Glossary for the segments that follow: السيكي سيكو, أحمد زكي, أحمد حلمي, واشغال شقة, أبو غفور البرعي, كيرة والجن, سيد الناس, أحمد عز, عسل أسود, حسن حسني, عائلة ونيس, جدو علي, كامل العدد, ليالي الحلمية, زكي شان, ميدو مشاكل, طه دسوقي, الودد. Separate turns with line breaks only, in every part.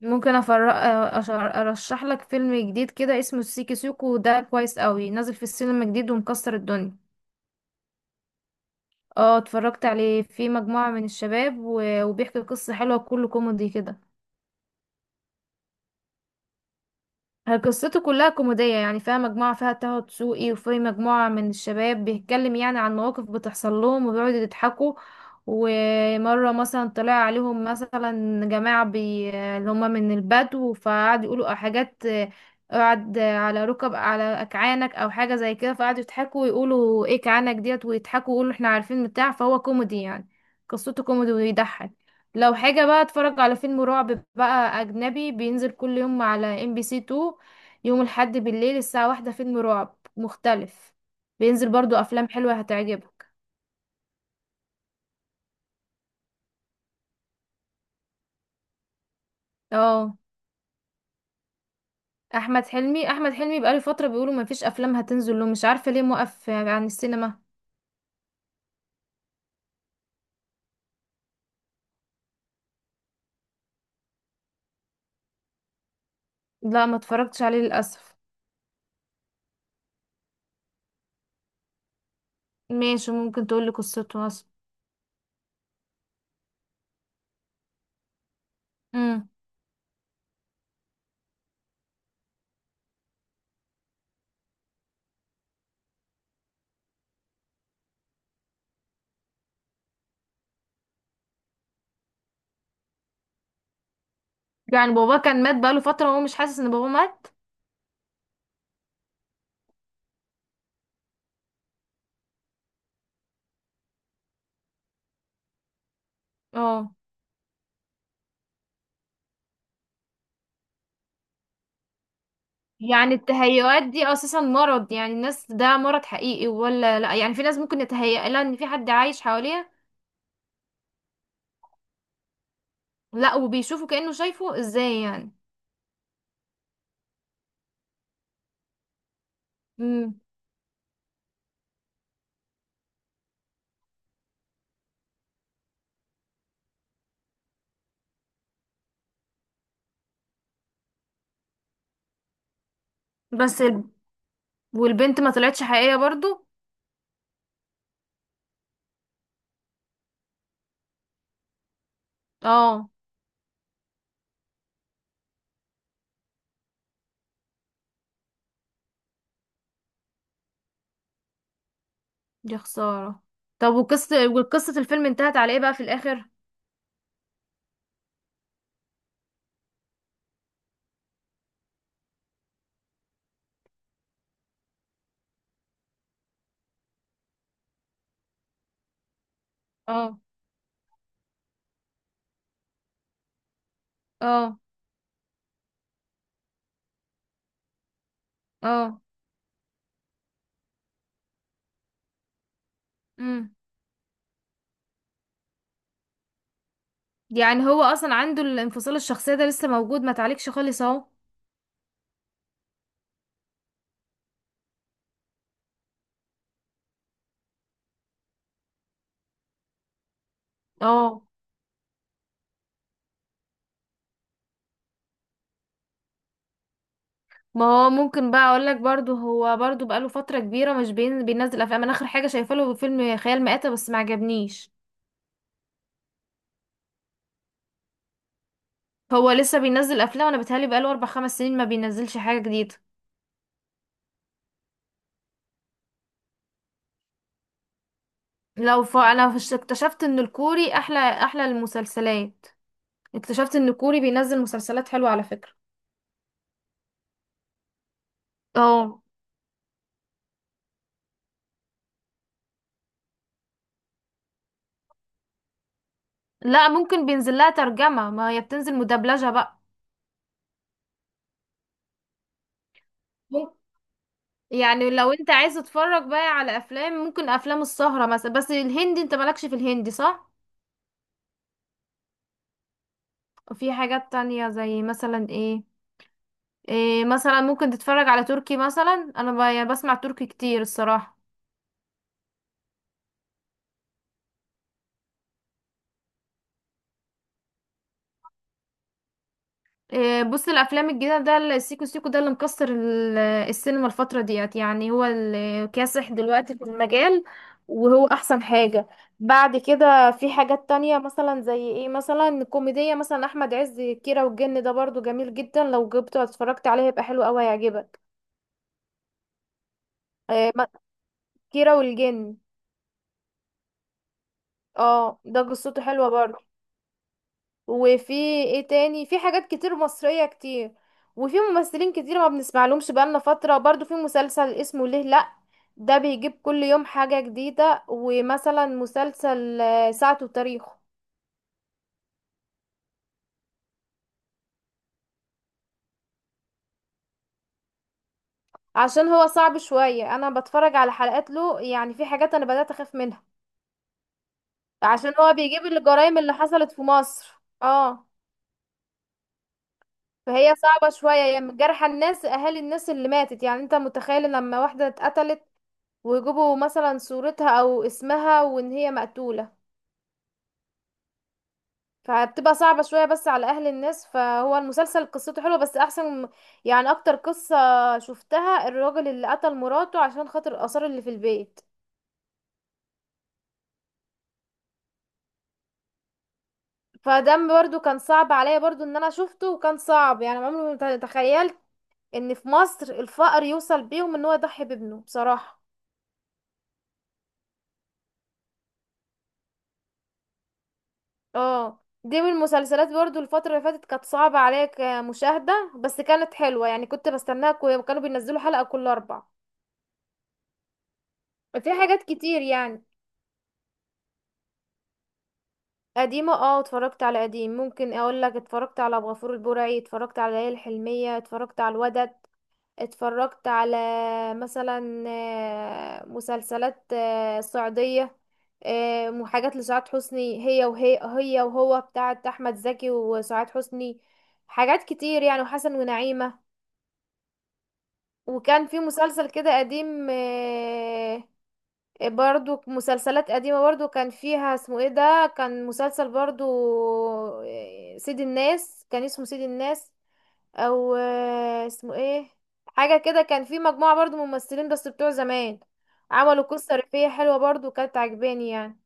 ممكن أفرق ارشح لك فيلم جديد كده اسمه السيكي سيكو ده كويس قوي، نازل في السينما جديد ومكسر الدنيا. اه، اتفرجت عليه في مجموعة من الشباب و- وبيحكي قصة حلوة، كله كوميدي كده. هي قصته كلها كوميدية، يعني فيها مجموعة، فيها طه دسوقي وفي مجموعة من الشباب بيتكلم يعني عن مواقف بتحصل لهم وبيقعدوا يضحكوا. ومرة مثلا طلع عليهم مثلا اللي هم من البدو، فقعدوا يقولوا حاجات. اقعد على ركب على أكعانك أو حاجة زي كده، فقعدوا يضحكوا ويقولوا ايه كعانك ديت، ويضحكوا ويقولوا احنا عارفين بتاع، فهو كوميدي يعني. قصته كوميدي ويضحك. لو حاجة بقى، اتفرج على فيلم رعب بقى أجنبي بينزل كل يوم على ام بي سي 2، يوم الحد بالليل الساعة واحدة فيلم رعب مختلف. بينزل برضو أفلام حلوة هتعجبك. اه. أحمد حلمي بقاله فترة بيقولوا مفيش أفلام هتنزل له، مش عارفة ليه موقف عن السينما. لا، ما اتفرجتش عليه للأسف. ماشي، ممكن تقولي قصته أصلا. امم. يعني بابا كان مات بقاله فترة وهو مش حاسس إن بابا مات. اه. يعني التهيؤات دي أساسا مرض؟ يعني الناس ده مرض حقيقي ولا لا؟ يعني في ناس ممكن يتهيأ لها إن في حد عايش حواليها؟ لا، وبيشوفه كأنه شايفه، ازاي يعني؟ مم. بس ال... والبنت ما طلعتش حقيقية برضو؟ اه. دي خسارة. طب وقصة الفيلم انتهت على ايه بقى في الآخر؟ اه. اه. اه. امم. يعني هو اصلا عنده الانفصال الشخصية ده لسه موجود، ما تعليقش خالص اهو؟ اه. ما هو ممكن بقى اقول لك برضو، هو برضو بقاله فترة كبيرة مش بينزل افلام. انا اخر حاجة شايفه له فيلم خيال مآتة، بس ما عجبنيش. هو لسه بينزل افلام؟ انا بتهيألي بقاله 4 5 سنين ما بينزلش حاجة جديدة. لو ف... انا فش- اكتشفت ان الكوري احلى المسلسلات. اكتشفت ان الكوري بينزل مسلسلات حلوة على فكرة. اه. لا، ممكن بينزل لها ترجمة، ما هي بتنزل مدبلجة بقى. مم- يعني لو انت عايز تتفرج بقى على افلام، ممكن افلام السهرة مثلا، بس الهندي انت مالكش في الهندي، صح؟ وفي حاجات تانية زي مثلا ايه, إيه مثلا ممكن تتفرج على تركي مثلا، يعني بسمع تركي كتير الصراحة. بص، الافلام الجديده ده السيكو سيكو ده السينما الفتره ديت، يعني هو اللي كاسح دلوقتي في المجال، وهو احسن حاجه. بعد كده في حاجات تانية مثلا زي ايه مثلا، كوميديه مثلا احمد عز كيرة والجن، ده برضو جميل جدا، لو جبته اتفرجت عليه هيبقى حلو قوي هيعجبك. إيه، ما- كيرة والجن. اه، ده قصته حلوه برضو. وفي ايه تاني، في حاجات كتير مصرية كتير. وفي ممثلين كتير ما بنسمع لهمش بقالنا فترة، برضو في مسلسل اسمه ليه لأ، ده بيجيب كل يوم حاجة جديدة. ومثلا مسلسل ساعته وتاريخه، عشان هو صعب شوية، انا بتفرج على حلقات له يعني، في حاجات انا بدأت اخاف منها، عشان هو بيجيب الجرائم اللي حصلت في مصر. اه. فهي صعبة شوية، يعني جرح الناس، اهالي الناس اللي ماتت، يعني انت متخيل لما واحدة اتقتلت ويجيبوا مثلا صورتها او اسمها وان هي مقتولة؟ فبتبقى صعبة شوية بس على اهل الناس. فهو المسلسل قصته حلوة بس احسن. يعني اكتر قصة شفتها الراجل اللي قتل مراته عشان خاطر الاثار اللي في البيت، فده برضو كان صعب عليا، برضو ان انا شفته وكان صعب، يعني عمري ما تخيلت ان في مصر الفقر يوصل بيهم ان هو يضحي بابنه بصراحة. اه، دي من المسلسلات برضو الفترة اللي فاتت، كانت صعبة عليا كمشاهدة بس كانت حلوة، يعني كنت بستناها، كانوا بينزلوا حلقة كل أربع. في حاجات كتير يعني. قديمة اه، اتفرجت على قديم. ممكن اقول لك اتفرجت على أبو غفور البرعي، اتفرجت على ليالي الحلمية، اتفرجت على الودد، اتفرجت على مثلا مسلسلات صعيدية، وحاجات لسعاد حسني، هي وهو بتاعت أحمد زكي وسعاد حسني، حاجات كتير يعني، وحسن ونعيمة. وكان في مسلسل كده قديم، برضو مسلسلات قديمة، برضو كان فيها اسمه ايه ده، كان مسلسل برضو، سيد الناس، كان اسمه سيد الناس او اسمه ايه حاجة كده. كان في مجموعة برضو ممثلين بس بتوع زمان، عملوا قصة ريفية حلوة برضو كانت عجباني يعني.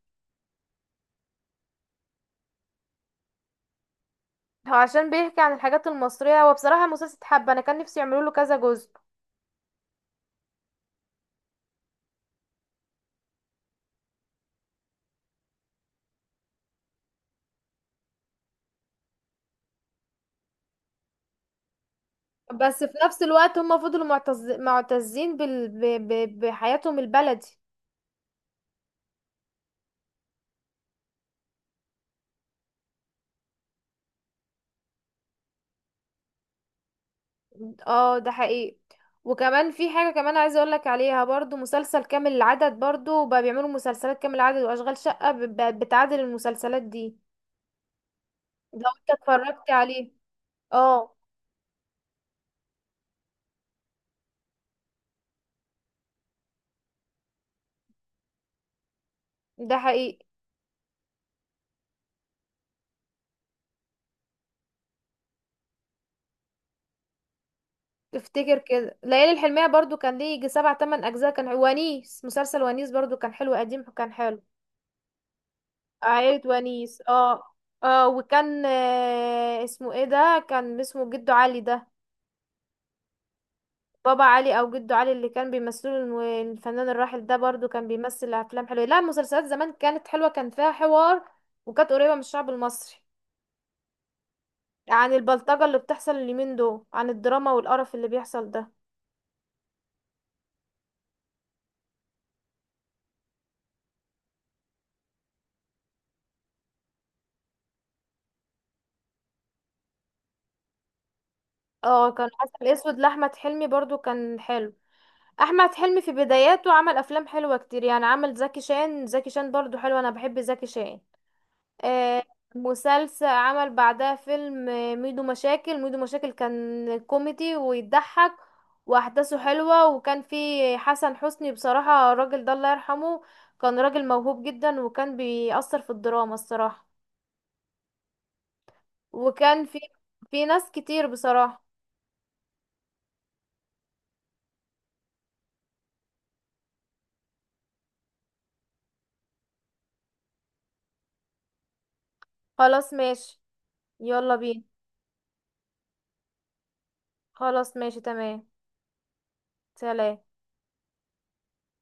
هو عشان بيحكي عن الحاجات المصرية، هو بصراحة مسلسل حبة، انا كان نفسي يعملوا له كذا جزء. بس في نفس الوقت هم فضلوا معتزين بحياتهم البلدي. اه، ده حقيقي. وكمان في حاجة كمان عايزة اقولك عليها برضو، مسلسل كامل العدد، برضو بقى بيعملوا مسلسلات كامل العدد واشغال شقة بتعادل المسلسلات دي. لو انت اتفرجت عليه. اه، ده حقيقي. افتكر كده ليالي الحلمية برضو كان ليه يجي 7 8 اجزاء كان. ونيس، مسلسل ونيس برضو كان حلو قديم، كان حلو. عائلة ونيس. اه اه. وكان اسمه ايه ده، كان اسمه جدو علي ده، بابا علي او جدو علي، اللي كان الفنان الراحل ده برضو كان بيمثل افلام حلوه. لا، المسلسلات زمان كانت حلوه، كان فيها حوار وكانت قريبه من الشعب المصري، عن البلطجه اللي بتحصل اليومين دول، عن الدراما والقرف اللي بيحصل ده. اه، كان عسل اسود لاحمد حلمي برضو كان حلو. احمد حلمي في بداياته عمل افلام حلوه كتير يعني، عمل زكي شان برضو حلو، انا بحب زكي شان. آه، مسلسل، عمل بعدها فيلم ميدو مشاكل كان كوميدي ويضحك، واحداثه حلوة. وكان فيه حسن حسني، بصراحة الراجل ده الله يرحمه، كان راجل موهوب جدا وكان بيأثر في الدراما الصراحة. وكان في، في ناس كتير بصراحة. خلاص ماشي. يلا بينا. خلاص ماشي، تمام. سلام.